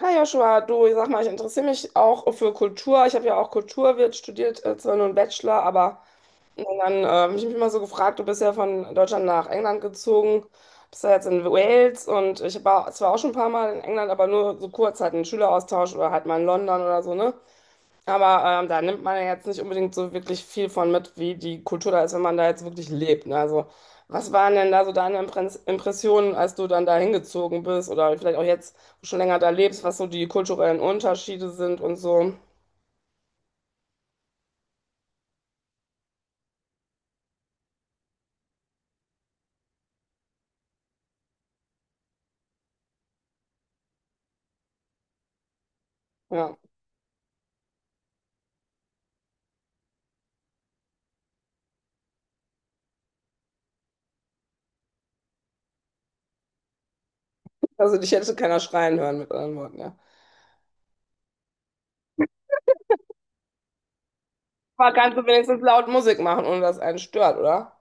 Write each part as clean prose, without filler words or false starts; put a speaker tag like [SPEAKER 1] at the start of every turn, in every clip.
[SPEAKER 1] Hi Joshua, du, ich sag mal, ich interessiere mich auch für Kultur. Ich habe ja auch Kulturwirt studiert, zwar nur einen Bachelor, aber und dann hab ich mich immer so gefragt, du bist ja von Deutschland nach England gezogen, bist ja jetzt in Wales und ich war zwar auch schon ein paar Mal in England, aber nur so kurz halt einen Schüleraustausch oder halt mal in London oder so, ne? Aber da nimmt man ja jetzt nicht unbedingt so wirklich viel von mit, wie die Kultur da ist, wenn man da jetzt wirklich lebt. Ne? Also, was waren denn da so deine Impressionen, als du dann da hingezogen bist oder vielleicht auch jetzt schon länger da lebst, was so die kulturellen Unterschiede sind und so? Ja, also dich hätte keiner schreien hören mit anderen Worten, ja. Aber kannst du wenigstens laut Musik machen, ohne dass einen stört, oder?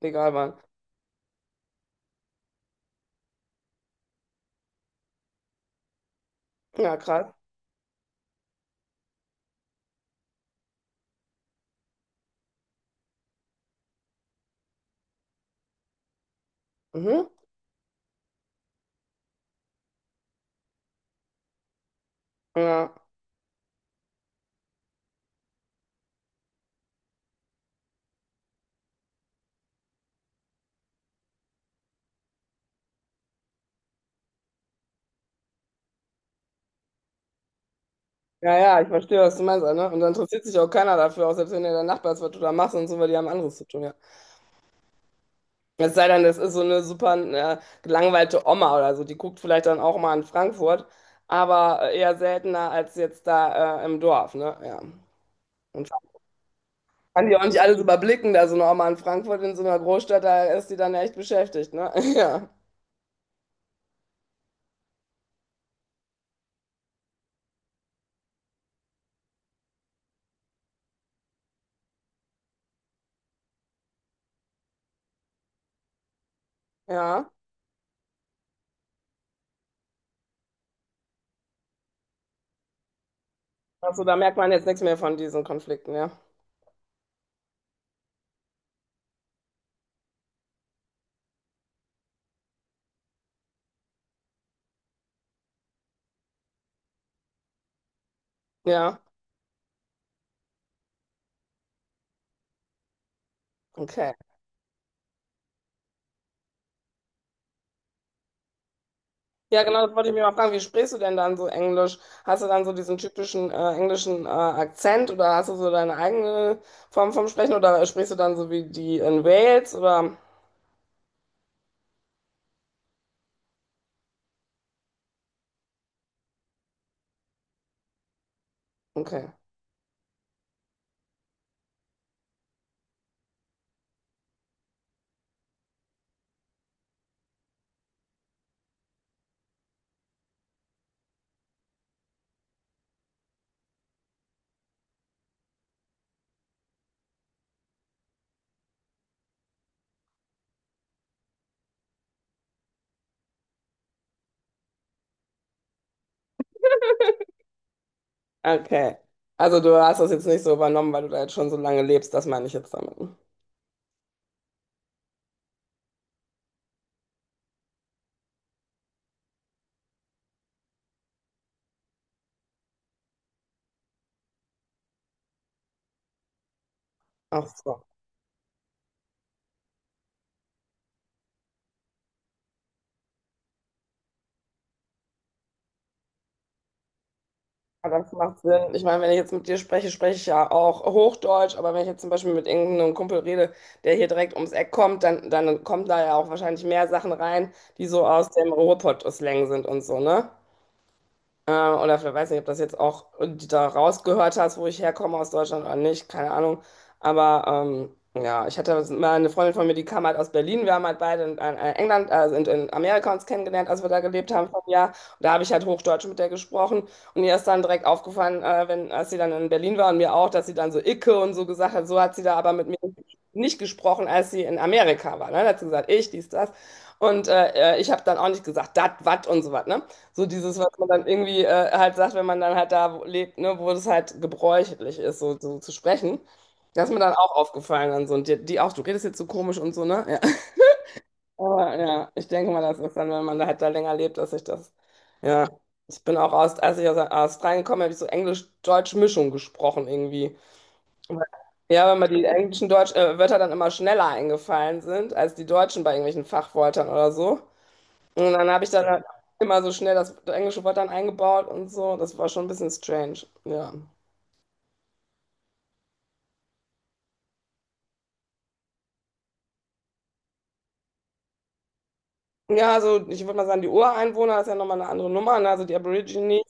[SPEAKER 1] Egal wann. Ja, krass. Mhm. Ja. Ja, ja, ich verstehe, was du meinst, ne? Und dann interessiert sich auch keiner dafür, auch selbst wenn der Nachbar ist, was du da machst und so, weil die haben anderes zu tun, ja. Es sei denn, das ist so eine super gelangweilte Oma oder so. Die guckt vielleicht dann auch mal in Frankfurt, aber eher seltener als jetzt da im Dorf, ne? Ja. Und kann die auch nicht alles überblicken, da so eine Oma in Frankfurt in so einer Großstadt, da ist die dann echt beschäftigt, ne? Ja. Ja. Also da merkt man jetzt nichts mehr von diesen Konflikten, ja. Ja. Okay. Ja, genau, das wollte ich mir mal fragen. Wie sprichst du denn dann so Englisch? Hast du dann so diesen typischen englischen Akzent oder hast du so deine eigene Form vom Sprechen oder sprichst du dann so wie die in Wales oder? Okay, okay. Also du hast das jetzt nicht so übernommen, weil du da jetzt schon so lange lebst, das meine ich jetzt damit. Ach so. Ja, das macht Sinn. Ich meine, wenn ich jetzt mit dir spreche, spreche ich ja auch Hochdeutsch, aber wenn ich jetzt zum Beispiel mit irgendeinem Kumpel rede, der hier direkt ums Eck kommt, dann kommen da ja auch wahrscheinlich mehr Sachen rein, die so aus dem Ruhrpott-Slang sind und so, ne? Oder vielleicht weiß nicht, ob das jetzt auch da rausgehört hast, wo ich herkomme aus Deutschland oder nicht, keine Ahnung. Aber ja, ich hatte mal eine Freundin von mir, die kam halt aus Berlin. Wir haben halt beide in England, also in Amerika uns kennengelernt, als wir da gelebt haben vor einem Jahr. Und da habe ich halt Hochdeutsch mit der gesprochen. Und ihr ist dann direkt aufgefallen, wenn, als sie dann in Berlin war und mir auch, dass sie dann so Icke und so gesagt hat. So hat sie da aber mit mir nicht gesprochen, als sie in Amerika war. Ne? Da hat sie gesagt, ich, dies, das. Und ich habe dann auch nicht gesagt, dat, wat und so was. Ne? So dieses, was man dann irgendwie halt sagt, wenn man dann halt da lebt, ne, wo das halt gebräuchlich ist, so, so zu sprechen. Das ist mir dann auch aufgefallen dann so. Und die auch, du redest jetzt so komisch und so, ne? Ja. Aber ja, ich denke mal, das ist dann, wenn man da halt da länger lebt, dass ich das, ja. Ich bin auch aus, als ich aus Australien gekommen bin, habe ich so Englisch-Deutsch-Mischung gesprochen irgendwie. Weil- Ja, weil mir die englischen Deutsch, Wörter dann immer schneller eingefallen sind als die Deutschen bei irgendwelchen Fachwörtern oder so. Und dann habe ich dann halt immer so schnell das englische Wort dann eingebaut und so. Das war schon ein bisschen strange, ja. Ja, also ich würde mal sagen, die Ureinwohner ist ja nochmal eine andere Nummer. Ne? Also die Aborigine,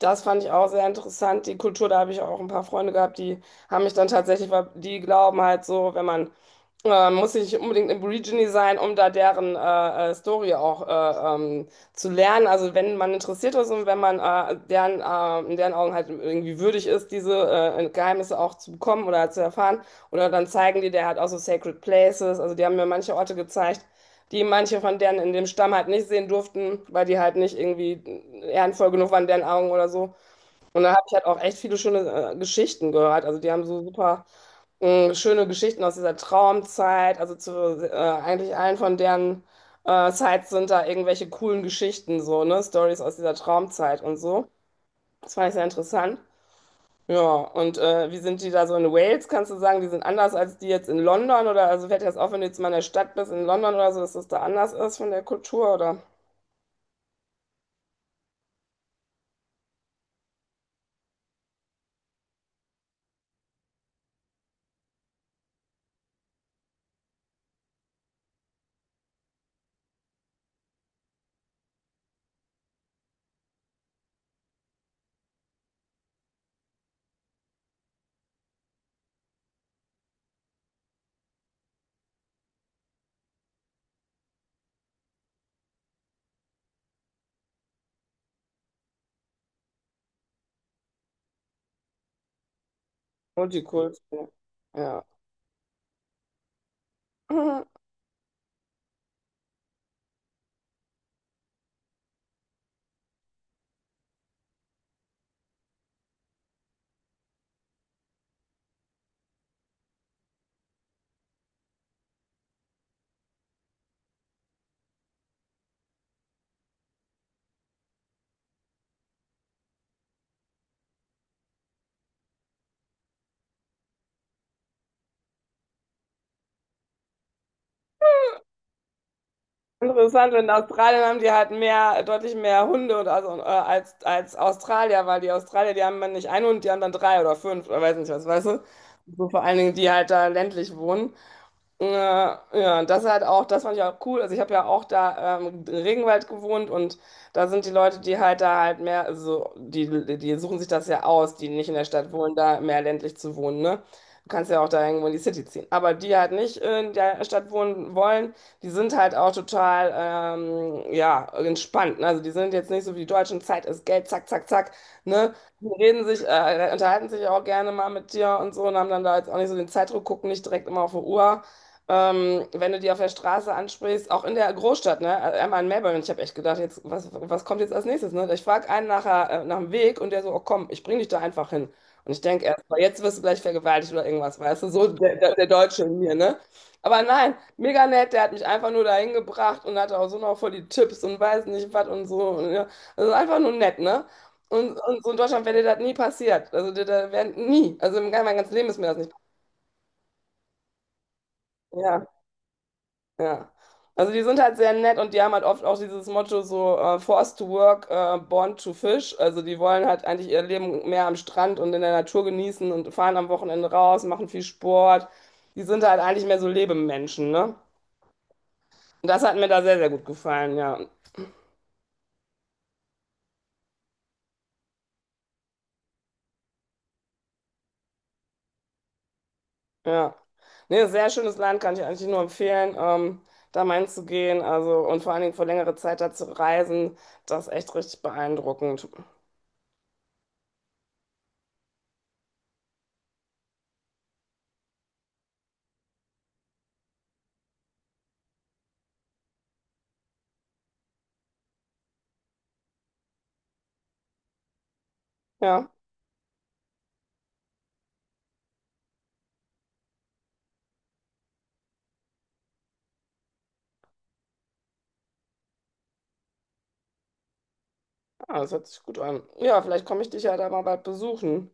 [SPEAKER 1] das fand ich auch sehr interessant. Die Kultur, da habe ich auch ein paar Freunde gehabt, die haben mich dann tatsächlich, weil die glauben halt so, wenn man muss nicht unbedingt Aborigine sein, um da deren Story auch zu lernen. Also wenn man interessiert ist und wenn man deren, in deren Augen halt irgendwie würdig ist, diese Geheimnisse auch zu bekommen oder zu erfahren. Oder dann zeigen die der halt auch so Sacred Places. Also die haben mir manche Orte gezeigt, die manche von denen in dem Stamm halt nicht sehen durften, weil die halt nicht irgendwie ehrenvoll genug waren in deren Augen oder so. Und da habe ich halt auch echt viele schöne Geschichten gehört. Also die haben so super schöne Geschichten aus dieser Traumzeit. Also zu eigentlich allen von deren Sites sind da irgendwelche coolen Geschichten so, ne? Stories aus dieser Traumzeit und so. Das fand ich sehr interessant. Ja, und wie sind die da so in Wales? Kannst du sagen, die sind anders als die jetzt in London? Oder also fällt dir das auf, wenn du jetzt mal in der Stadt bist in London oder so, dass das da anders ist von der Kultur oder Multikulti? Ja. Mhm. Interessant, in Australien haben die halt mehr, deutlich mehr Hunde und also, als Australier, weil die Australier, die haben dann nicht einen Hund, die haben dann drei oder fünf oder weiß nicht was, weißt du? So vor allen Dingen, die halt da ländlich wohnen. Ja, ja, das halt auch, das fand ich auch cool. Also ich habe ja auch da im Regenwald gewohnt und da sind die Leute, die halt da halt mehr, also die suchen sich das ja aus, die nicht in der Stadt wohnen, da mehr ländlich zu wohnen, ne? Du kannst ja auch da irgendwo in die City ziehen. Aber die halt nicht in der Stadt wohnen wollen, die sind halt auch total, ja, entspannt. Ne? Also die sind jetzt nicht so wie die Deutschen, Zeit ist Geld, zack, zack, zack, ne? Die reden sich, unterhalten sich auch gerne mal mit dir und so und haben dann da jetzt auch nicht so den Zeitdruck, gucken nicht direkt immer auf die Uhr. Wenn du die auf der Straße ansprichst, auch in der Großstadt, ne? Also einmal in Melbourne, ich habe echt gedacht, jetzt, was kommt jetzt als nächstes, ne? Ich frage einen nachher, nach dem Weg und der so, oh komm, ich bring dich da einfach hin. Und ich denke erst mal, jetzt wirst du gleich vergewaltigt oder irgendwas, weißt du, so der Deutsche in mir, ne? Aber nein, mega nett, der hat mich einfach nur dahin gebracht und hatte auch so noch voll die Tipps und weiß nicht was und so. Und, ja. Also einfach nur nett, ne? Und so in Deutschland wäre dir das nie passiert. Also dir, da wär, nie. Also in meinem ganzen Leben ist mir das nicht passiert. Ja. Ja. Also die sind halt sehr nett und die haben halt oft auch dieses Motto so forced to work, born to fish. Also die wollen halt eigentlich ihr Leben mehr am Strand und in der Natur genießen und fahren am Wochenende raus, machen viel Sport. Die sind halt eigentlich mehr so Lebemenschen, ne? Und das hat mir da sehr, sehr gut gefallen, ja. Ja. Nee, sehr schönes Land, kann ich eigentlich nur empfehlen, da mal hinzugehen. Also und vor allen Dingen für längere Zeit da zu reisen, das ist echt richtig beeindruckend. Ja. Ah, das hört sich gut an. Ja, vielleicht komme ich dich ja da mal bald besuchen.